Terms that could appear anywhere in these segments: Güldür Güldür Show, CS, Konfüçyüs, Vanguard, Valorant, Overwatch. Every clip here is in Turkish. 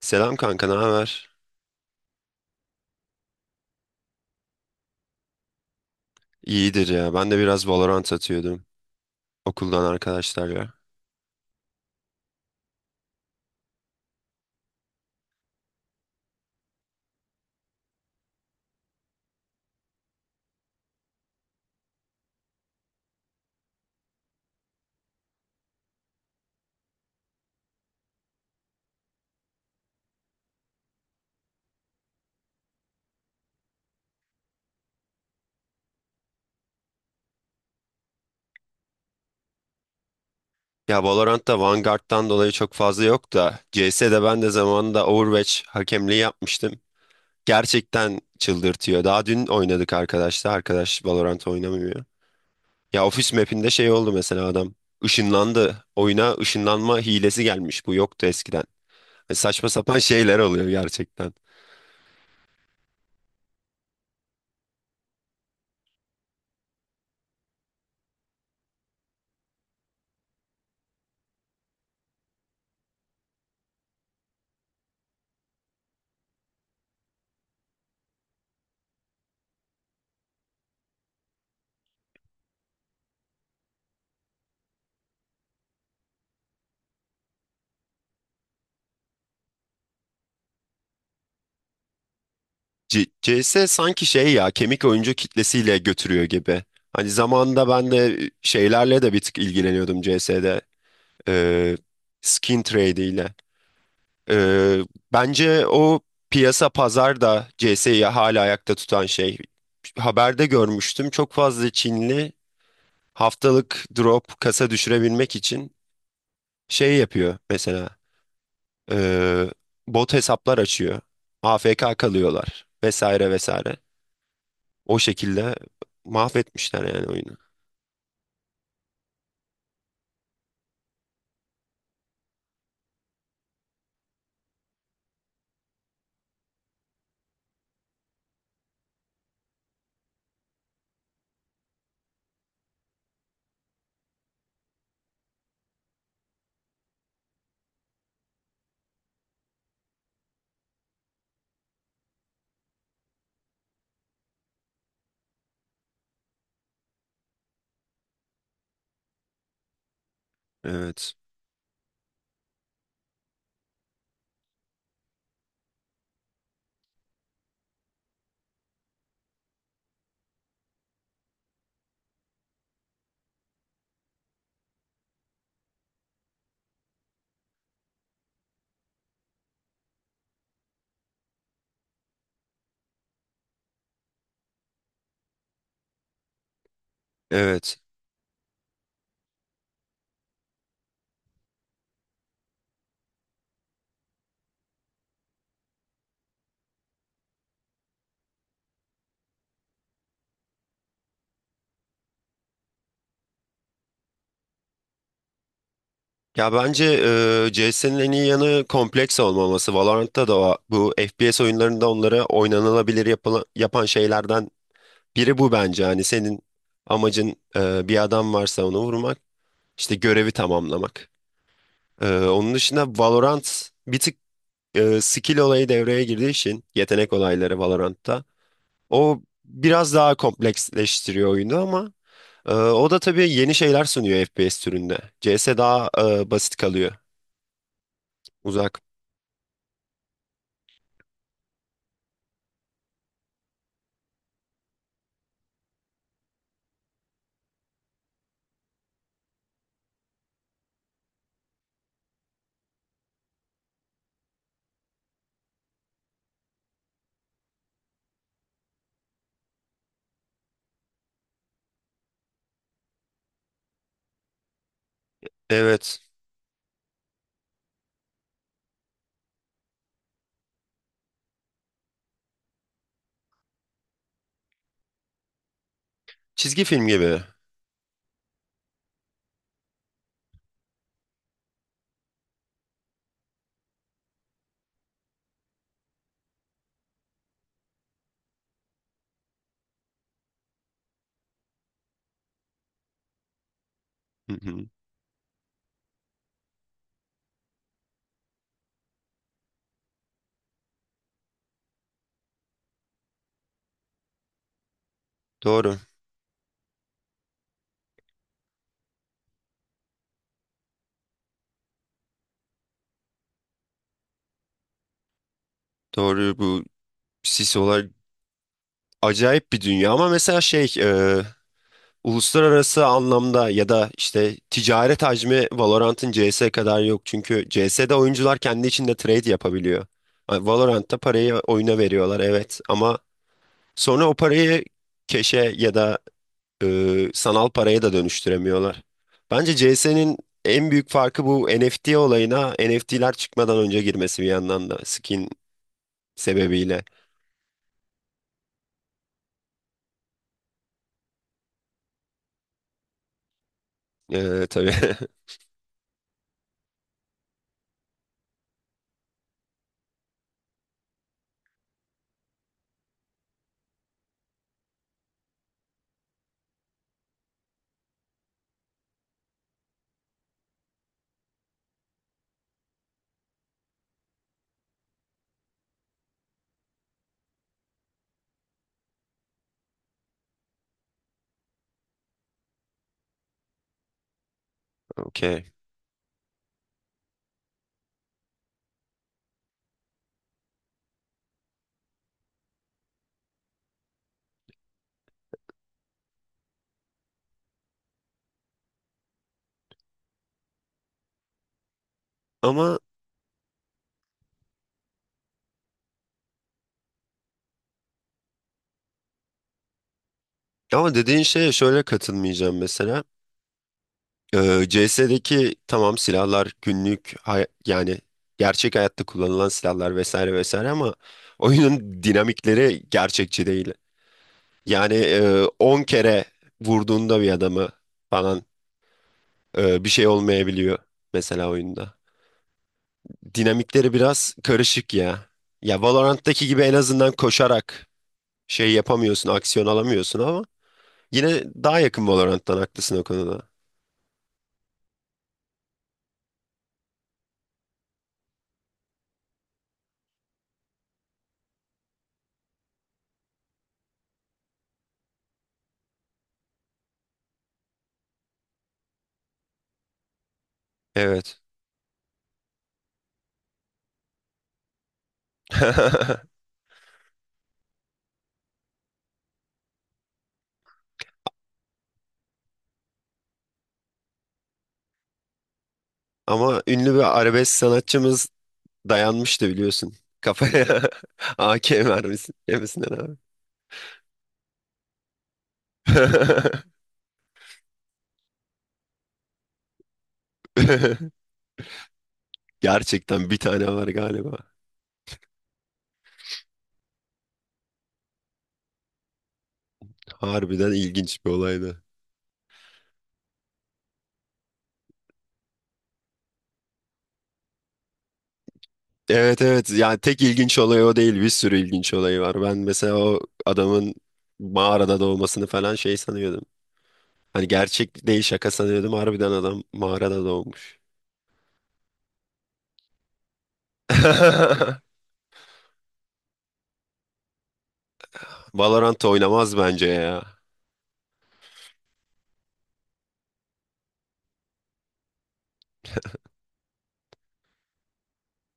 Selam kanka, ne haber? İyidir ya. Ben de biraz Valorant atıyordum okuldan arkadaşlarla. Ya Valorant'ta Vanguard'dan dolayı çok fazla yok da C S'de ben de zamanında Overwatch hakemliği yapmıştım. Gerçekten çıldırtıyor. Daha dün oynadık arkadaşlar. Arkadaş Valorant oynamıyor. Ya ofis map'inde şey oldu mesela adam ışınlandı. Oyuna ışınlanma hilesi gelmiş. Bu yoktu eskiden. Saçma sapan şeyler oluyor gerçekten. CS sanki şey ya kemik oyuncu kitlesiyle götürüyor gibi. Hani zamanında ben de şeylerle de bir tık ilgileniyordum CS'de. Ee, skin trade. Ee, Bence o piyasa pazar da CS'yi hala ayakta tutan şey. Haberde görmüştüm çok fazla Çinli haftalık drop kasa düşürebilmek için şey yapıyor mesela ee, bot hesaplar açıyor. AFK kalıyorlar vesaire vesaire. O şekilde mahvetmişler yani oyunu. Evet. Evet. Ya bence CS'nin en iyi yanı kompleks olmaması. Valorant'ta da bu FPS oyunlarında onları oynanılabilir yapan şeylerden biri bu bence. Hani senin amacın bir adam varsa onu vurmak, işte görevi tamamlamak. Onun dışında Valorant bir tık skill olayı devreye girdiği için yetenek olayları Valorant'ta. O biraz daha kompleksleştiriyor oyunu ama o da tabii yeni şeyler sunuyor FPS türünde. CS daha basit kalıyor. Uzak. Evet. Çizgi film gibi. Hı hı. Doğru. Doğru bu Sisolar acayip bir dünya ama mesela şey uluslararası anlamda ya da işte ticaret hacmi Valorant'ın CS kadar yok. Çünkü CS'de oyuncular kendi içinde trade yapabiliyor. Hani Valorant'ta parayı oyuna veriyorlar evet ama sonra o parayı keşe ya da sanal paraya da dönüştüremiyorlar. Bence CS'nin en büyük farkı bu NFT olayına NFT'ler çıkmadan önce girmesi bir yandan da skin sebebiyle. Tabii. Okey. Ama ama dediğin şeye şöyle katılmayacağım mesela. C S'deki tamam silahlar günlük yani gerçek hayatta kullanılan silahlar vesaire vesaire ama oyunun dinamikleri gerçekçi değil. Yani 10 kere vurduğunda bir adamı falan bir şey olmayabiliyor mesela oyunda. Dinamikleri biraz karışık ya. Ya Valorant'taki gibi en azından koşarak şey yapamıyorsun, aksiyon alamıyorsun ama yine daha yakın Valorant'tan haklısın o konuda. Evet. Ama ünlü bir arabesk sanatçımız dayanmıştı biliyorsun. Kafaya AK vermesin, yemesinden abi. Gerçekten bir tane var galiba. Harbiden ilginç bir olaydı. Evet evet yani tek ilginç olay o değil bir sürü ilginç olayı var. Ben mesela o adamın mağarada doğmasını falan şey sanıyordum. Hani gerçek değil şaka sanıyordum harbiden adam mağarada doğmuş. Valorant oynamaz bence ya.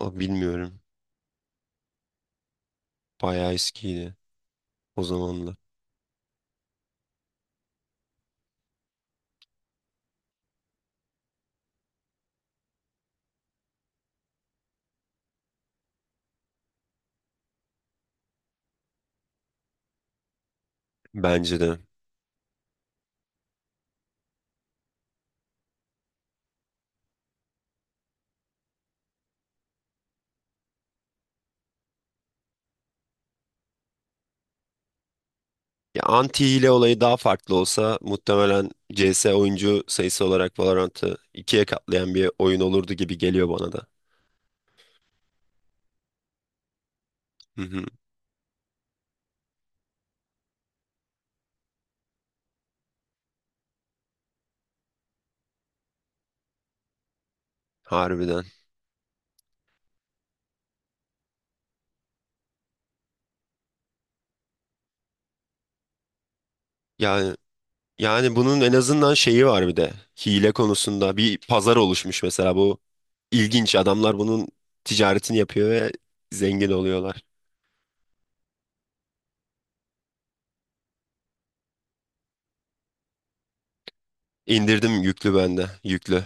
O bilmiyorum. Bayağı eskiydi o zamanla. Bence de. Ya anti hile olayı daha farklı olsa muhtemelen CS oyuncu sayısı olarak Valorant'ı ikiye katlayan bir oyun olurdu gibi geliyor bana da. Hı hı. Harbiden. Yani Yani bunun en azından şeyi var bir de. Hile konusunda bir pazar oluşmuş mesela bu ilginç. Adamlar bunun ticaretini yapıyor ve zengin oluyorlar. İndirdim yüklü bende, yüklü.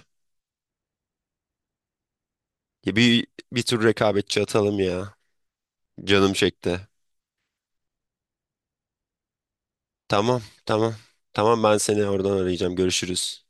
Ya bir tür rekabetçi atalım ya. Canım çekti. Tamam, tamam. Tamam ben seni oradan arayacağım. Görüşürüz.